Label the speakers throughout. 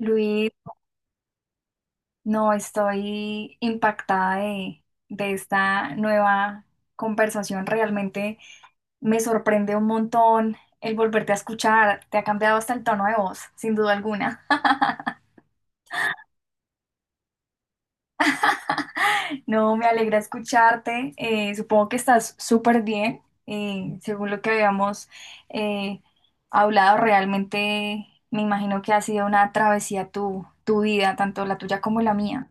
Speaker 1: Luis, no estoy impactada de esta nueva conversación. Realmente me sorprende un montón el volverte a escuchar. Te ha cambiado hasta el tono de voz, sin duda alguna. No, me alegra escucharte. Supongo que estás súper bien. Según lo que habíamos eh, hablado, realmente me imagino que ha sido una travesía tu vida, tanto la tuya como la mía.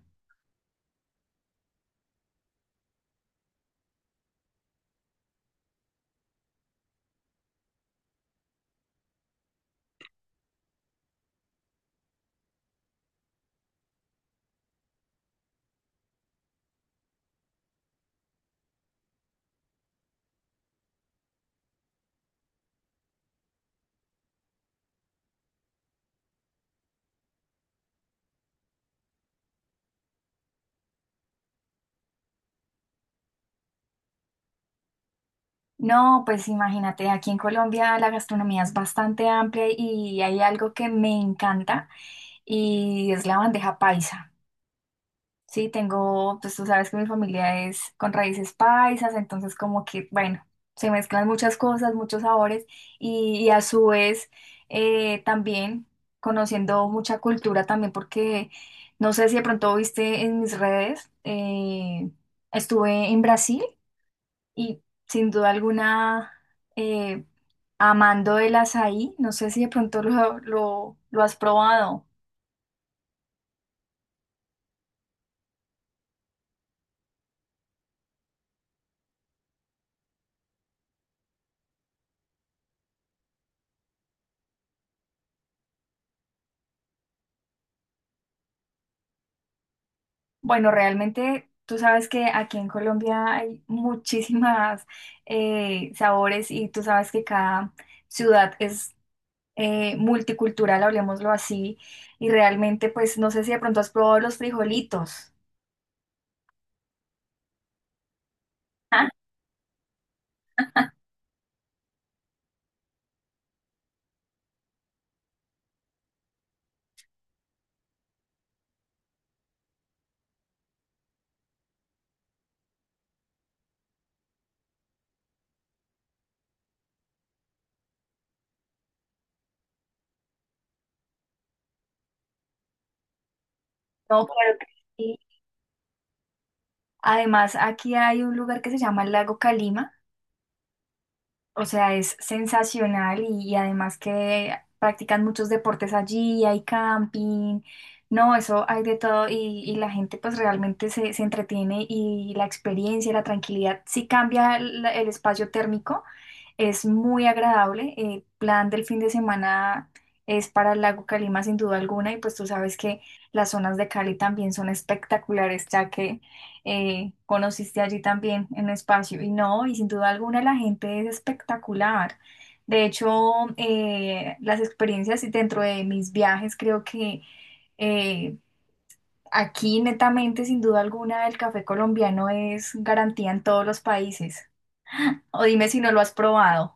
Speaker 1: No, pues imagínate, aquí en Colombia la gastronomía es bastante amplia y hay algo que me encanta y es la bandeja paisa. Sí, tengo, pues tú sabes que mi familia es con raíces paisas, entonces como que, bueno, se mezclan muchas cosas, muchos sabores y a su vez también conociendo mucha cultura también porque no sé si de pronto viste en mis redes, estuve en Brasil. Y sin duda alguna, eh, amando el azaí, no sé si de pronto lo has probado. Bueno, realmente tú sabes que aquí en Colombia hay muchísimas sabores y tú sabes que cada ciudad es multicultural, hablemoslo así. Y realmente, pues no sé si de pronto has probado los frijolitos. Ah. No, claro que sí. Además, aquí hay un lugar que se llama el Lago Calima. O sea, es sensacional y además que practican muchos deportes allí, hay camping, no, eso hay de todo y la gente pues realmente se entretiene y la experiencia, la tranquilidad, sí cambia el espacio térmico, es muy agradable. El plan del fin de semana es para el lago Calima sin duda alguna y pues tú sabes que las zonas de Cali también son espectaculares ya que conociste allí también en espacio y no, y sin duda alguna la gente es espectacular. De hecho, las experiencias y dentro de mis viajes creo que eh, aquí netamente sin duda alguna el café colombiano es garantía en todos los países. O dime si no lo has probado.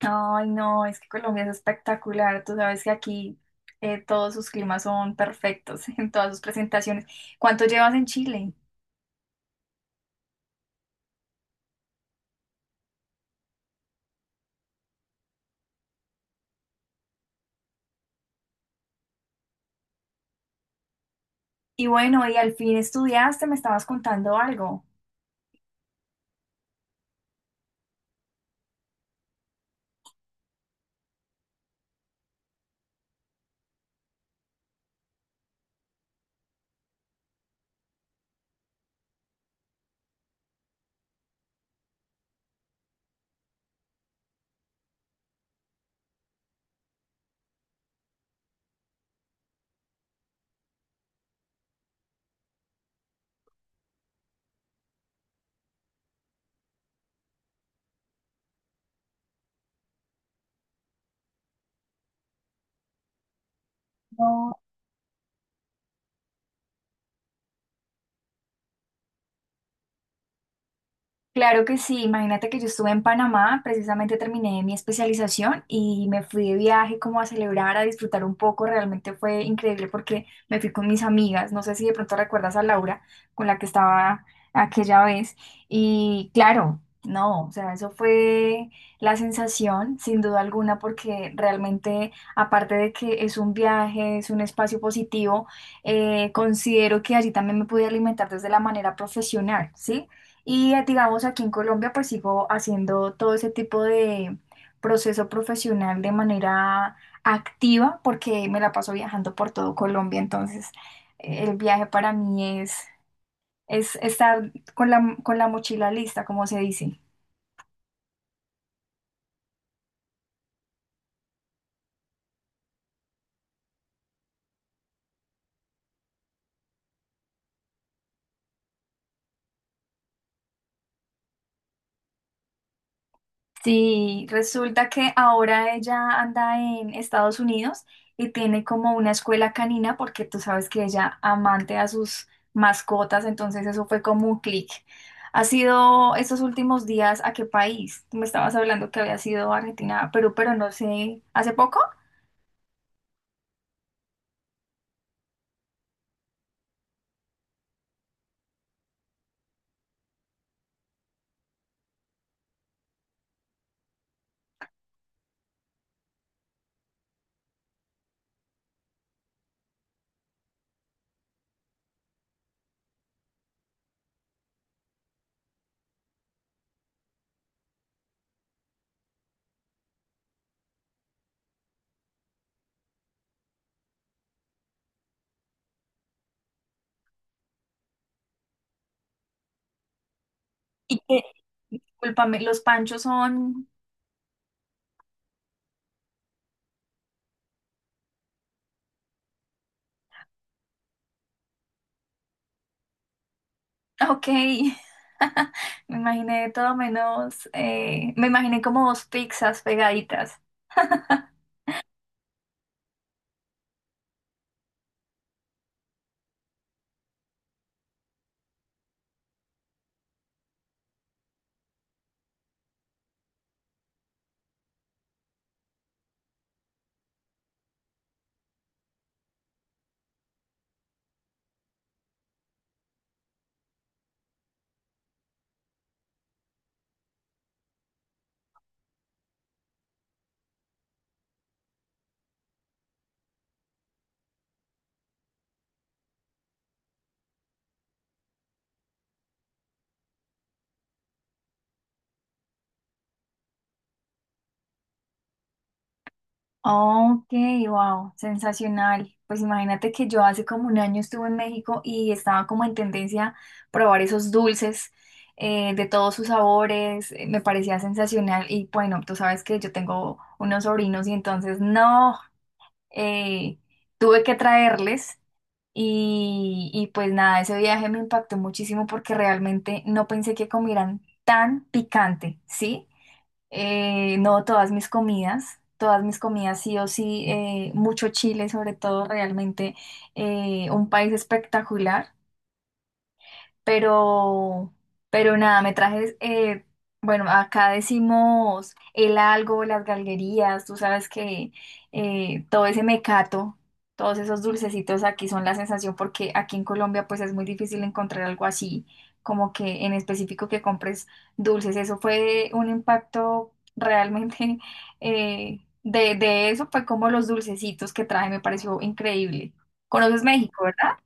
Speaker 1: Ay, no, es que Colombia es espectacular. Tú sabes que aquí todos sus climas son perfectos en todas sus presentaciones. ¿Cuánto llevas en Chile? Y bueno, y al fin estudiaste, me estabas contando algo. No, claro que sí, imagínate que yo estuve en Panamá, precisamente terminé mi especialización y me fui de viaje como a celebrar, a disfrutar un poco, realmente fue increíble porque me fui con mis amigas, no sé si de pronto recuerdas a Laura con la que estaba aquella vez y claro, no, o sea, eso fue la sensación sin duda alguna porque realmente aparte de que es un viaje, es un espacio positivo, considero que allí también me pude alimentar desde la manera profesional, ¿sí? Y digamos, aquí en Colombia pues sigo haciendo todo ese tipo de proceso profesional de manera activa porque me la paso viajando por todo Colombia. Entonces, el viaje para mí es estar con la mochila lista, como se dice. Sí, resulta que ahora ella anda en Estados Unidos y tiene como una escuela canina porque tú sabes que ella amante a sus mascotas, entonces eso fue como un clic. ¿Ha sido estos últimos días a qué país? Tú me estabas hablando que había sido Argentina, a Perú, pero no sé, ¿hace poco? Y que, discúlpame, los panchos son... Ok, me imaginé todo menos, me imaginé como dos pizzas pegaditas. Ok, wow, sensacional. Pues imagínate que yo hace como un año estuve en México y estaba como en tendencia a probar esos dulces de todos sus sabores. Me parecía sensacional y bueno, tú sabes que yo tengo unos sobrinos y entonces no, eh, tuve que traerles y pues nada, ese viaje me impactó muchísimo porque realmente no pensé que comieran tan picante, ¿sí? No, todas mis comidas sí o sí, mucho Chile sobre todo, realmente un país espectacular. Pero, pero nada, me traje, bueno, acá decimos el algo, las galguerías, tú sabes que todo ese mecato, todos esos dulcecitos aquí son la sensación porque aquí en Colombia pues es muy difícil encontrar algo así, como que en específico que compres dulces. Eso fue un impacto realmente. De eso, fue como los dulcecitos que traje, me pareció increíble. ¿Conoces México, verdad?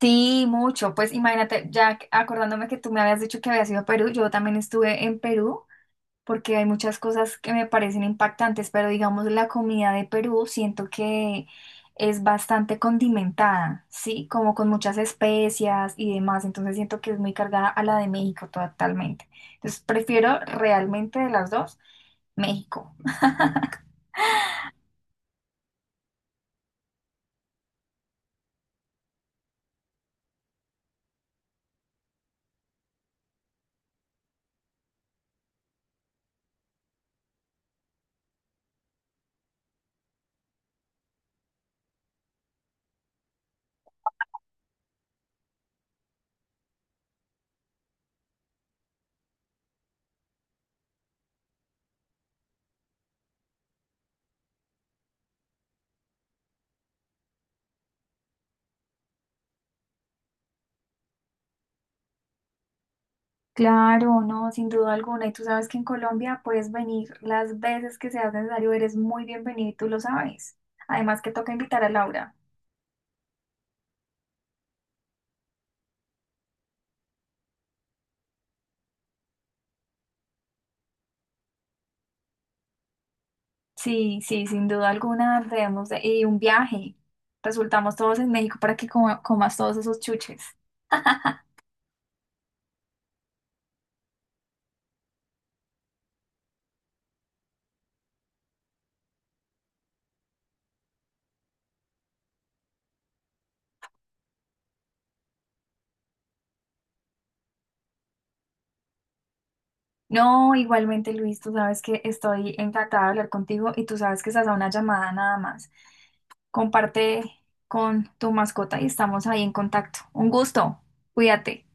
Speaker 1: Sí, mucho. Pues imagínate, acordándome que tú me habías dicho que habías ido a Perú, yo también estuve en Perú porque hay muchas cosas que me parecen impactantes, pero digamos la comida de Perú siento que es bastante condimentada, ¿sí? Como con muchas especias y demás, entonces siento que es muy cargada a la de México totalmente. Entonces prefiero realmente de las dos México. Claro, no, sin duda alguna. Y tú sabes que en Colombia puedes venir las veces que sea necesario, eres muy bienvenido y tú lo sabes. Además que toca invitar a Laura. Sí, sí, sin duda alguna debemos de... Y un viaje. Resultamos todos en México para que comas todos esos chuches. No, igualmente Luis, tú sabes que estoy encantada de hablar contigo y tú sabes que estás a una llamada nada más. Comparte con tu mascota y estamos ahí en contacto. Un gusto. Cuídate.